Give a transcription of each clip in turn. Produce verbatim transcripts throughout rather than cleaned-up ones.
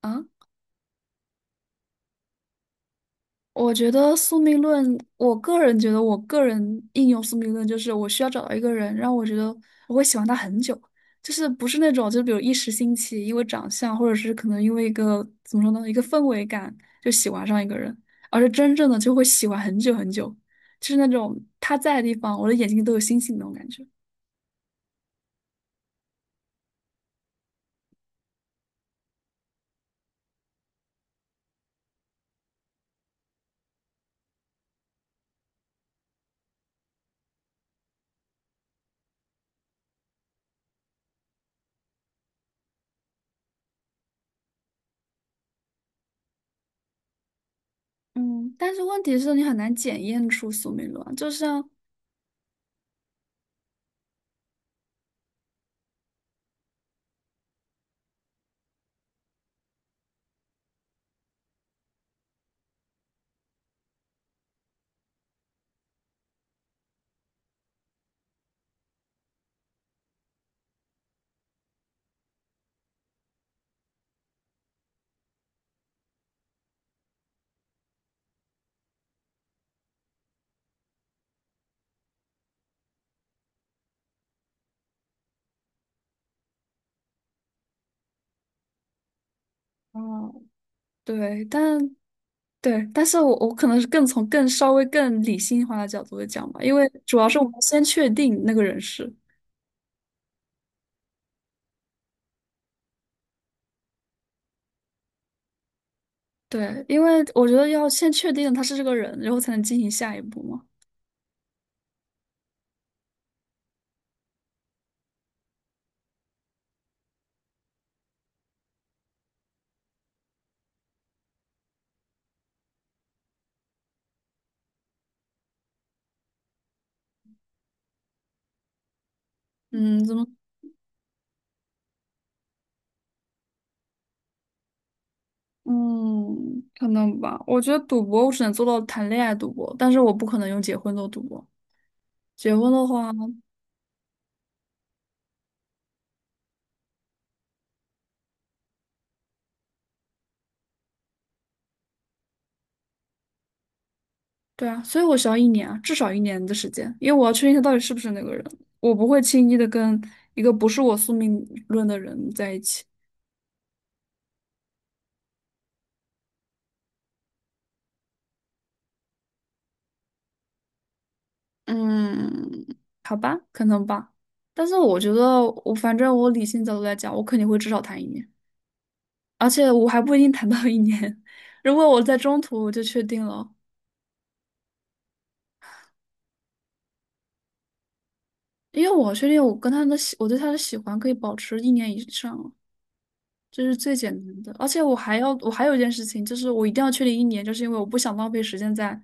啊，我觉得宿命论，我个人觉得，我个人应用宿命论就是我需要找到一个人，让我觉得我会喜欢他很久，就是不是那种就比如一时兴起，因为长相，或者是可能因为一个怎么说呢，一个氛围感就喜欢上一个人，而是真正的就会喜欢很久很久，就是那种他在的地方，我的眼睛都有星星那种感觉。嗯，但是问题是你很难检验出宿命论啊就像，哦，对，但对，但是我我可能是更从更稍微更理性化的角度来讲吧，因为主要是我们先确定那个人是，对，因为我觉得要先确定他是这个人，然后才能进行下一步嘛。嗯，怎么？嗯，可能吧。我觉得赌博我只能做到谈恋爱赌博，但是我不可能用结婚做赌博。结婚的话，对啊，所以我需要一年啊，至少一年的时间，因为我要确定他到底是不是那个人，我不会轻易的跟一个不是我宿命论的人在一起。嗯，好吧，可能吧。但是我觉得我反正我理性角度来讲，我肯定会至少谈一年，而且我还不一定谈到一年。如果我在中途我就确定了，因为我确定我跟他的喜，我对他的喜欢可以保持一年以上。这是最简单的。而且我还要，我还有一件事情，就是我一定要确定一年，就是因为我不想浪费时间在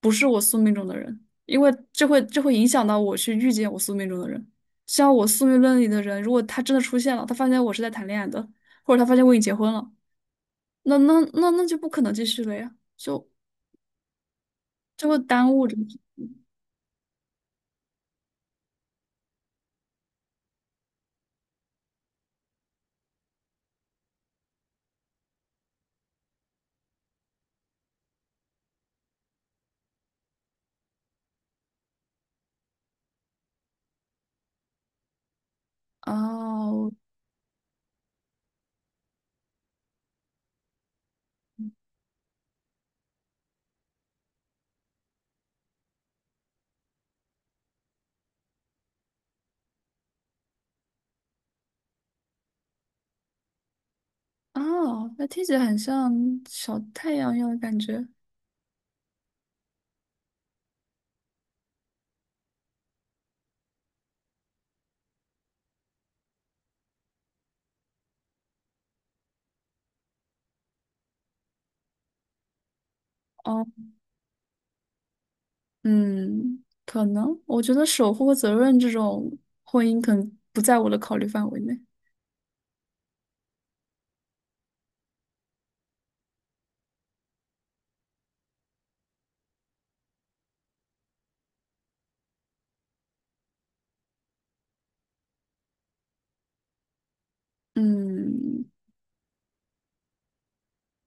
不是我宿命中的人，因为这会这会影响到我去遇见我宿命中的人。像我宿命论里的人，如果他真的出现了，他发现我是在谈恋爱的，或者他发现我已经结婚了，那那那那就不可能继续了呀，就就会耽误着。哦哦，那听起来很像小太阳一样的感觉。哦。嗯，可能我觉得守护和责任这种婚姻可能不在我的考虑范围内。嗯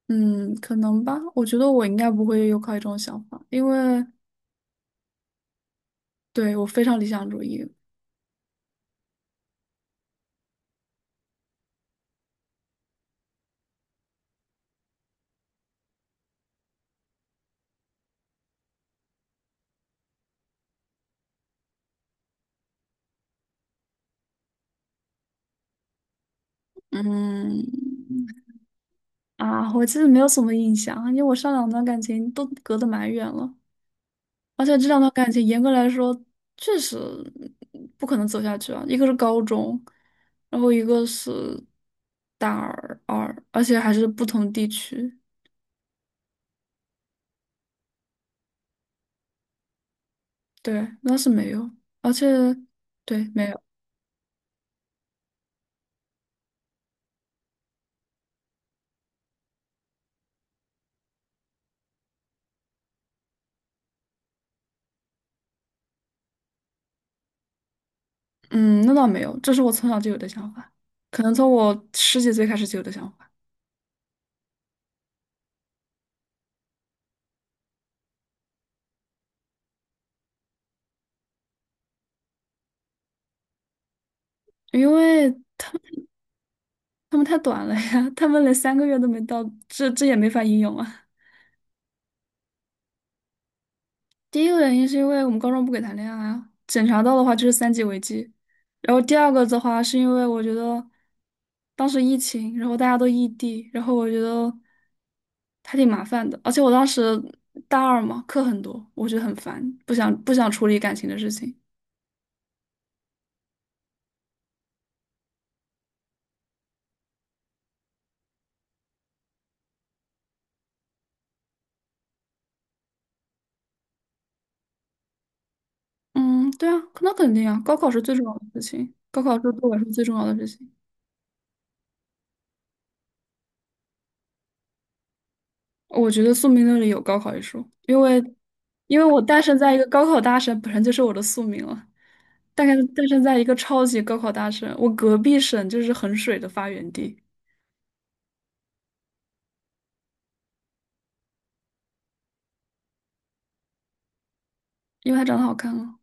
嗯，可能吧。我觉得我应该不会有考虑这种想法，因为对我非常理想主义。嗯啊，我其实没有什么印象，因为我上两段感情都隔得蛮远了。而且这两段感情严格来说确实不可能走下去啊，一个是高中，然后一个是大二，二，而且还是不同地区。对，那是没有，而且对没有，嗯，那倒没有，这是我从小就有的想法，可能从我十几岁开始就有的想法，因为他们太短了呀，他们连三个月都没到，这这也没法应用啊。第一个原因是因为我们高中不给谈恋爱啊，检查到的话就是三级违纪。然后第二个的话是因为我觉得当时疫情，然后大家都异地，然后我觉得还挺麻烦的。而且我当时大二嘛，课很多，我觉得很烦，不想不想处理感情的事情。嗯，对啊，那肯定啊，高考是最重要的事情，高考是对我来说最重要的事情。我觉得宿命论里有高考一说，因为因为我诞生在一个高考大省，本身就是我的宿命了。但是诞生在一个超级高考大省，我隔壁省就是衡水的发源地，因为他长得好看啊，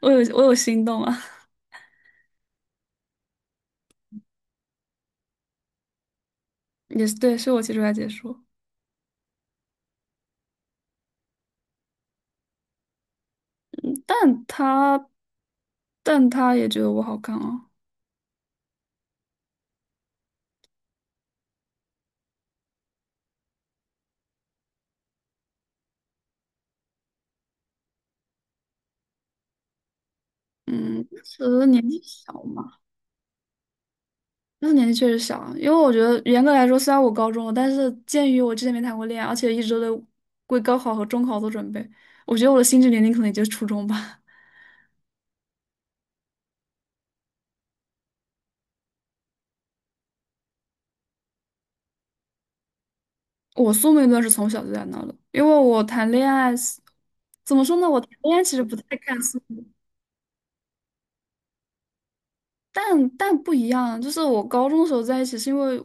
我有我有心动啊，也是对，是我提出来解说，但他但他也觉得我好看啊，嗯，当时年纪小嘛，那时年纪确实小啊，因为我觉得严格来说，虽然我高中了，但是鉴于我之前没谈过恋爱，而且一直都在为高考和中考做准备，我觉得我的心智年龄可能也就是初中吧。我宿命论是从小就在那的，因为我谈恋爱是，怎么说呢？我谈恋爱其实不太看宿命，但但不一样，就是我高中的时候在一起，是因为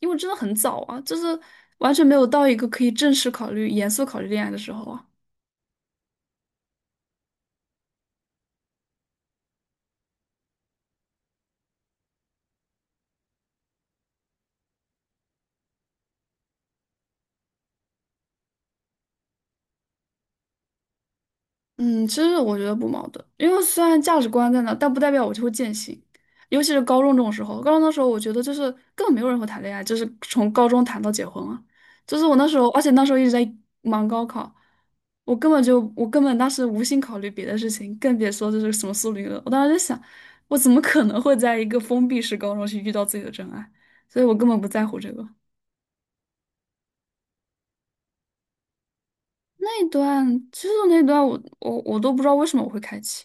因为真的很早啊，就是完全没有到一个可以正式考虑、严肃考虑恋爱的时候啊。嗯，其实我觉得不矛盾，因为虽然价值观在那，但不代表我就会践行。尤其是高中这种时候，高中的时候，我觉得就是根本没有人会谈恋爱，就是从高中谈到结婚啊。就是我那时候，而且那时候一直在忙高考，我根本就我根本当时无心考虑别的事情，更别说就是什么苏联了。我当时就想，我怎么可能会在一个封闭式高中去遇到自己的真爱？所以我根本不在乎这个。那段就是那段我，我我都不知道为什么我会开启，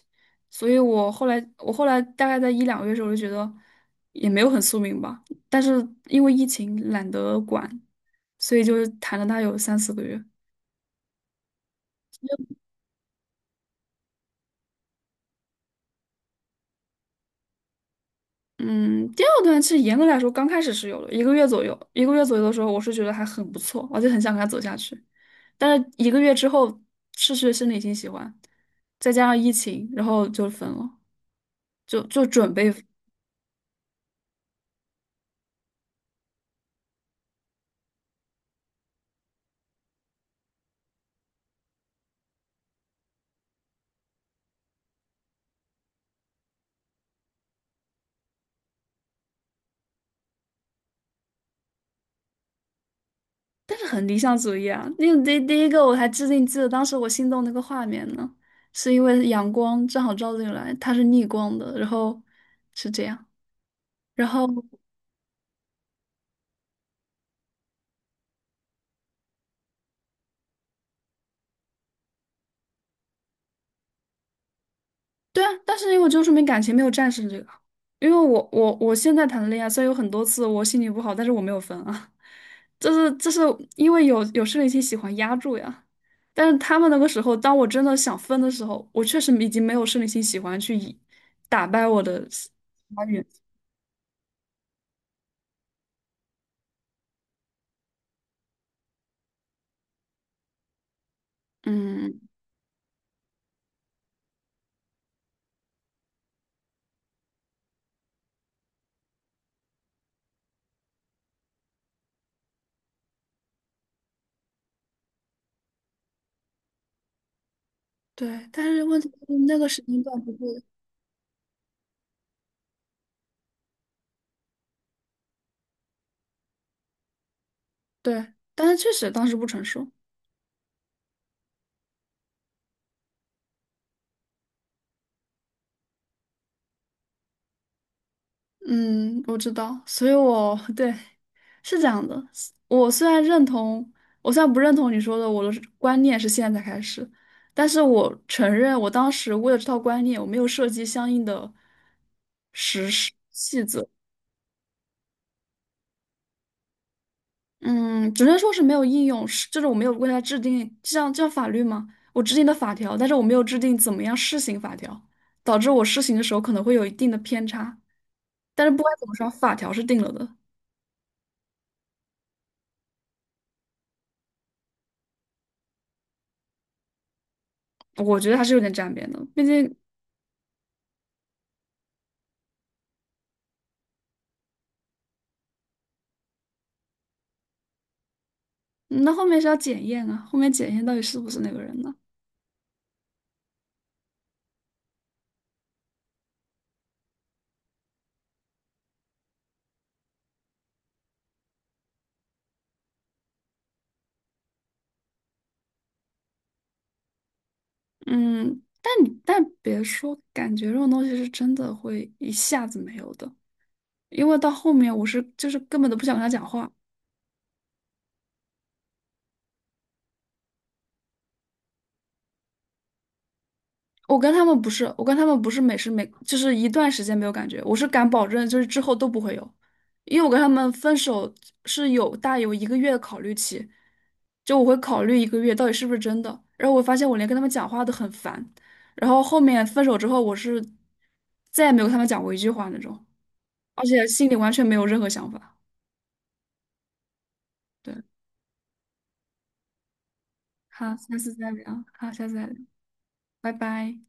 所以我后来我后来大概在一两个月的时候，我就觉得也没有很宿命吧，但是因为疫情懒得管，所以就谈了它有三四个月。嗯，第二段其实严格来说刚开始是有的，一个月左右，一个月左右的时候，我是觉得还很不错，而且很想跟他走下去。但是一个月之后失去了生理性喜欢，再加上疫情，然后就分了，就就准备。但是很理想主义啊！那个第第一个我还至今记得，当时我心动那个画面呢，是因为阳光正好照进来，它是逆光的，然后是这样，然后对啊，但是因为我就说明感情，没有战胜这个，因为我我我现在谈的恋爱，虽然有很多次我心情不好，但是我没有分啊，就是就是因为有有生理期喜欢压住呀，但是他们那个时候，当我真的想分的时候，我确实已经没有生理期喜欢去以打败我的喜欢源嗯。对，但是问题是那个时间段不对，对，但是确实当时不成熟。嗯，我知道，所以我 对是这样的。我虽然认同，我虽然不认同你说的，我的观念是现在才开始，但是我承认，我当时为了这套观念，我没有设计相应的实施细则。嗯，只能说是没有应用，是就是我没有为它制定，就像就像法律吗？我制定的法条，但是我没有制定怎么样施行法条，导致我施行的时候可能会有一定的偏差。但是不管怎么说，法条是定了的，我觉得还是有点沾边的，毕竟嗯那后面是要检验啊，后面检验到底是不是那个人呢？嗯，但你但别说，感觉这种东西是真的会一下子没有的，因为到后面我是就是根本都不想跟他讲话。我跟他们不是，我跟他们不是每时每就是一段时间没有感觉，我是敢保证，就是之后都不会有，因为我跟他们分手是有大有一个月的考虑期，就我会考虑一个月到底是不是真的，然后我发现我连跟他们讲话都很烦，然后后面分手之后，我是再也没有跟他们讲过一句话那种，而且心里完全没有任何想法。对，好，下次再聊，好，下次再聊，拜拜。